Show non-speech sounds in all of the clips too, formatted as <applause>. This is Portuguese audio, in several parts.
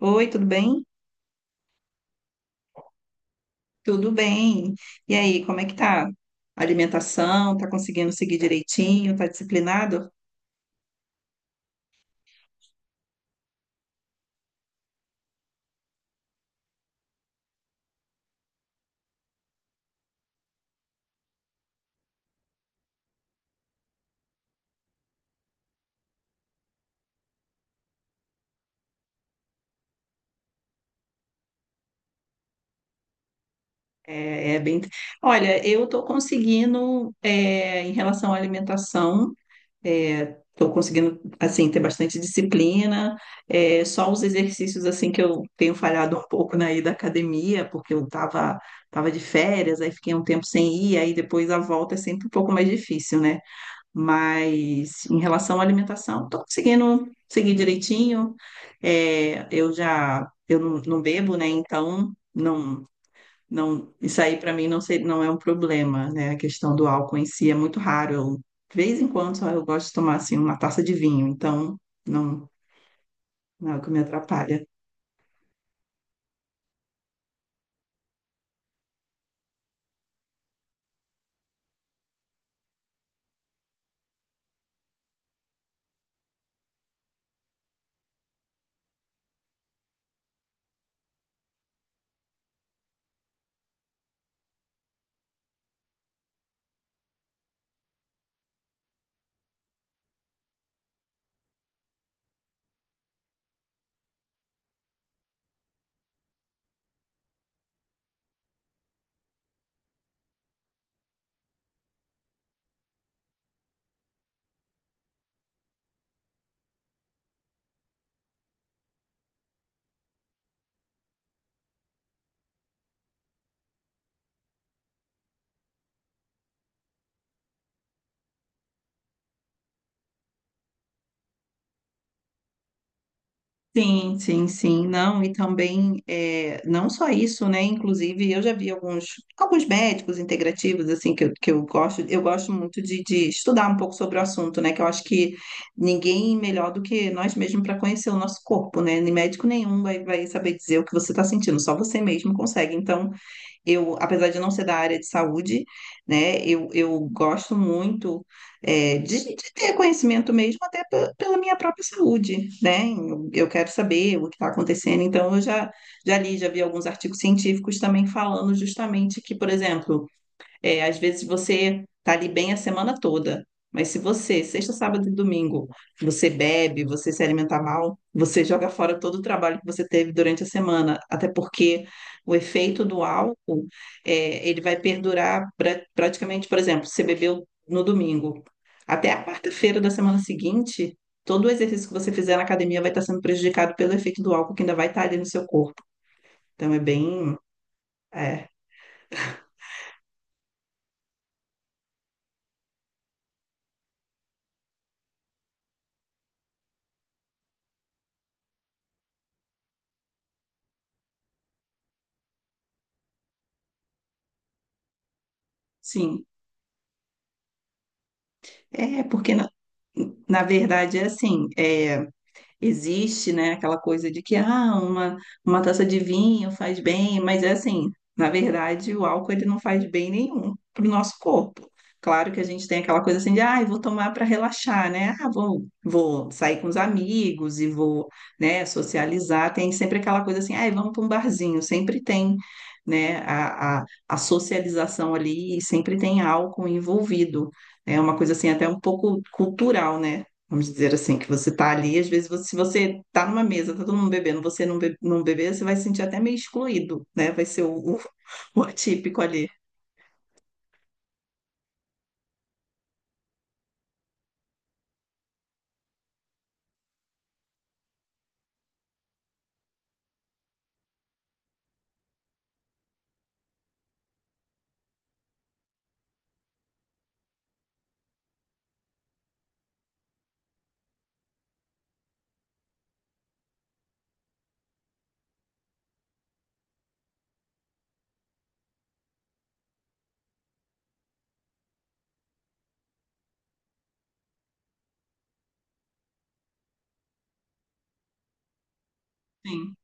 Oi, tudo bem? Tudo bem. E aí, como é que tá? Alimentação, tá conseguindo seguir direitinho, tá disciplinado? É bem. Olha, eu tô conseguindo, em relação à alimentação, é, tô conseguindo, assim, ter bastante disciplina. É, só os exercícios, assim, que eu tenho falhado um pouco na ida à academia, porque eu tava de férias, aí fiquei um tempo sem ir, aí depois a volta é sempre um pouco mais difícil, né? Mas em relação à alimentação, estou conseguindo seguir direitinho. É, eu já eu não, não bebo, né? Então não isso aí para mim não ser, não é um problema, né? A questão do álcool em si é muito raro. Eu, de vez em quando só eu gosto de tomar assim uma taça de vinho, então não não é o que me atrapalha. Sim, sim, sim, não, e também, é, não só isso, né, inclusive eu já vi alguns médicos integrativos, assim, que eu gosto muito de estudar um pouco sobre o assunto, né, que eu acho que ninguém melhor do que nós mesmos para conhecer o nosso corpo, né, nem médico nenhum vai saber dizer o que você está sentindo, só você mesmo consegue, então eu, apesar de não ser da área de saúde, né, eu gosto muito de ter conhecimento mesmo até pela minha própria saúde, né? Eu quero saber o que está acontecendo, então já li, já vi alguns artigos científicos também falando justamente que, por exemplo, é, às vezes você tá ali bem a semana toda, mas se você, sexta, sábado e domingo, você bebe, você se alimenta mal, você joga fora todo o trabalho que você teve durante a semana, até porque o efeito do álcool, é, ele vai perdurar praticamente, por exemplo, você bebeu no domingo, até a quarta-feira da semana seguinte, todo o exercício que você fizer na academia vai estar sendo prejudicado pelo efeito do álcool que ainda vai estar ali no seu corpo. Então é bem, é, sim. É, porque na verdade é assim, é, existe, né, aquela coisa de que ah, uma taça de vinho faz bem, mas é assim, na verdade, o álcool ele não faz bem nenhum para o nosso corpo. Claro que a gente tem aquela coisa assim de, ah, eu vou tomar para relaxar, né? Ah, vou sair com os amigos e vou, né, socializar. Tem sempre aquela coisa assim, ah, vamos para um barzinho. Sempre tem, né, a socialização ali e sempre tem álcool envolvido. É uma coisa assim até um pouco cultural, né? Vamos dizer assim, que você tá ali, às vezes, se você tá numa mesa, tá todo mundo bebendo, você não, be não beber, você vai se sentir até meio excluído, né? Vai ser <laughs> o atípico ali. Sim.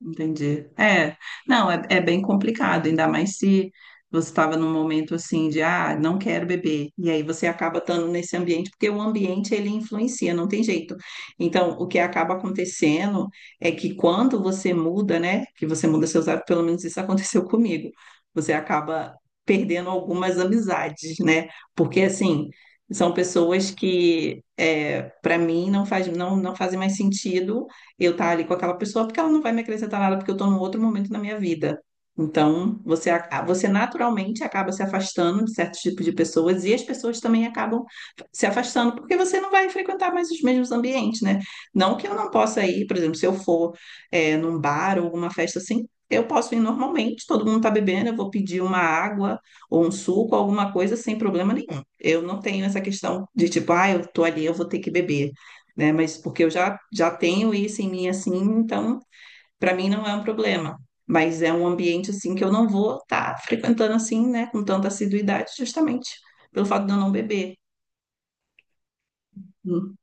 Entendi. É, não, é bem complicado, ainda mais se você estava num momento assim de, ah, não quero beber, e aí você acaba estando nesse ambiente, porque o ambiente ele influencia, não tem jeito. Então, o que acaba acontecendo é que quando você muda, né, que você muda seus hábitos, pelo menos isso <laughs> aconteceu comigo, você acaba perdendo algumas amizades, né, porque assim. São pessoas que, é, para mim, não faz, não fazem mais sentido eu estar ali com aquela pessoa, porque ela não vai me acrescentar nada, porque eu estou num outro momento na minha vida. Então, você naturalmente acaba se afastando de certos tipos de pessoas e as pessoas também acabam se afastando, porque você não vai frequentar mais os mesmos ambientes, né? Não que eu não possa ir, por exemplo, se eu for, é, num bar ou alguma festa assim, eu posso ir normalmente, todo mundo está bebendo, eu vou pedir uma água ou um suco, alguma coisa, sem problema nenhum. Eu não tenho essa questão de tipo, ah, eu tô ali, eu vou ter que beber né? Mas porque já tenho isso em mim assim, então para mim não é um problema. Mas é um ambiente assim que eu não vou estar frequentando assim, né, com tanta assiduidade, justamente pelo fato de eu não beber. Hum.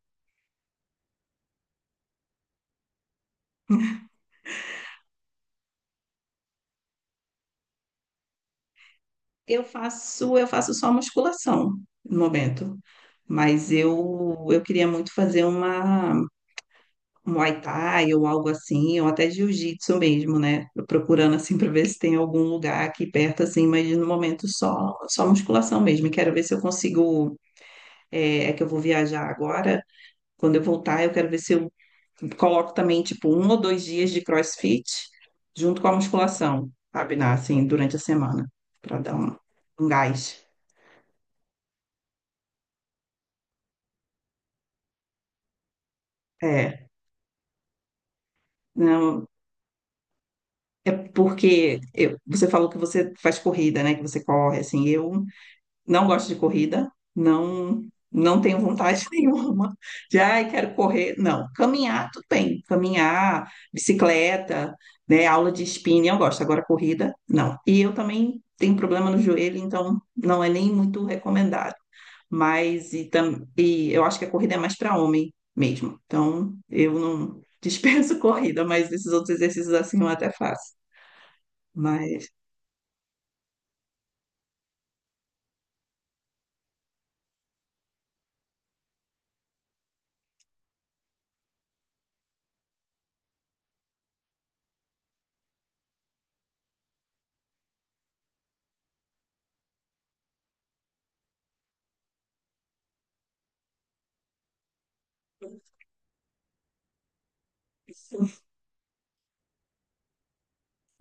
Eu faço só musculação no momento, mas eu queria muito fazer uma um Muay Thai ou algo assim, ou até jiu-jitsu mesmo, né? Tô procurando assim para ver se tem algum lugar aqui perto assim, mas no momento só musculação mesmo. E quero ver se eu consigo é que eu vou viajar agora. Quando eu voltar, eu quero ver se eu coloco também, tipo, um ou dois dias de CrossFit junto com a musculação, sabe? Assim, durante a semana, para dar um gás. É, não, é porque você falou que você faz corrida, né? Que você corre, assim, eu não gosto de corrida, não tenho vontade <laughs> nenhuma de, ai, quero correr. Não, caminhar, tudo bem. Caminhar, bicicleta, né, aula de spinning, eu gosto. Agora, corrida, não. E eu também tenho problema no joelho, então não é nem muito recomendado. Mas, e eu acho que a corrida é mais para homem mesmo. Então, eu não <laughs> dispenso corrida, mas esses outros exercícios assim eu até faço. Mas.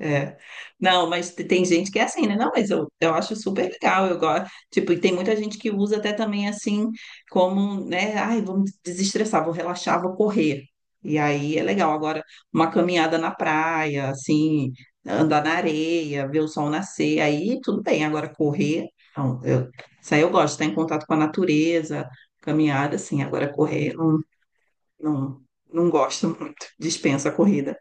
É. Não, mas tem gente que é assim, né? Não, mas eu acho super legal, eu gosto. Tipo, e tem muita gente que usa até também assim, como, né? Ai, vamos desestressar, vou relaxar, vou correr. E aí é legal. Agora, uma caminhada na praia, assim, andar na areia, ver o sol nascer, aí tudo bem. Agora, correr, não, eu, isso aí eu gosto, estar em contato com a natureza, caminhada, assim. Agora, correr, não, não gosto muito, dispensa a corrida.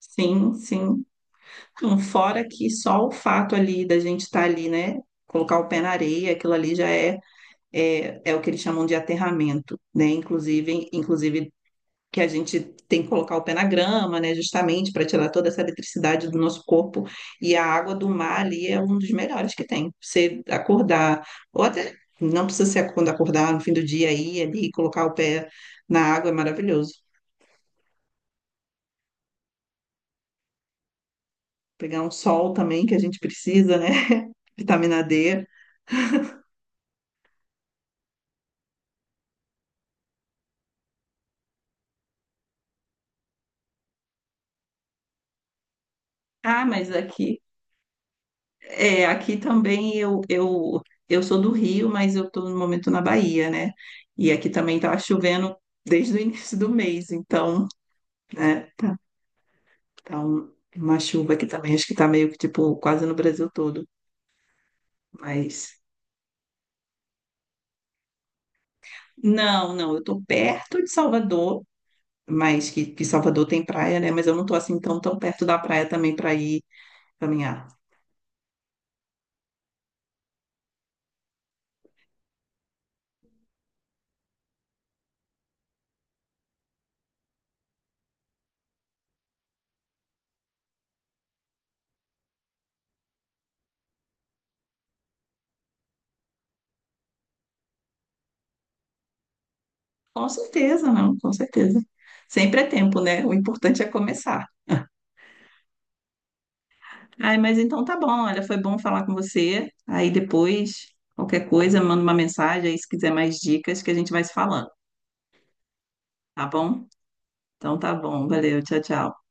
Sim, sim. Fora que só o fato ali da gente estar ali, né? Colocar o pé na areia, aquilo ali já é, é o que eles chamam de aterramento, né? Inclusive que a gente tem que colocar o pé na grama, né? Justamente para tirar toda essa eletricidade do nosso corpo. E a água do mar ali é um dos melhores que tem. Você acordar, ou até não precisa ser quando acordar no fim do dia aí, ali, e colocar o pé na água é maravilhoso. Pegar um sol também que a gente precisa, né? <laughs> Vitamina D. Ah, mas aqui. É, aqui também eu sou do Rio, mas eu estou no momento na Bahia, né? E aqui também estava chovendo desde o <laughs> início do mês, então, né? Tá, tá uma chuva aqui também, acho que tá meio que tipo quase no Brasil todo. Mas não, não, eu estou perto de Salvador, mas que Salvador tem praia, né? Mas eu não estou assim tão perto da praia também para ir caminhar. Com certeza, não, com certeza. Sempre é tempo, né? O importante é começar. Ai, mas então tá bom, olha, foi bom falar com você. Aí depois, qualquer coisa, manda uma mensagem aí se quiser mais dicas que a gente vai se falando, tá bom? Então tá bom, valeu, tchau, tchau.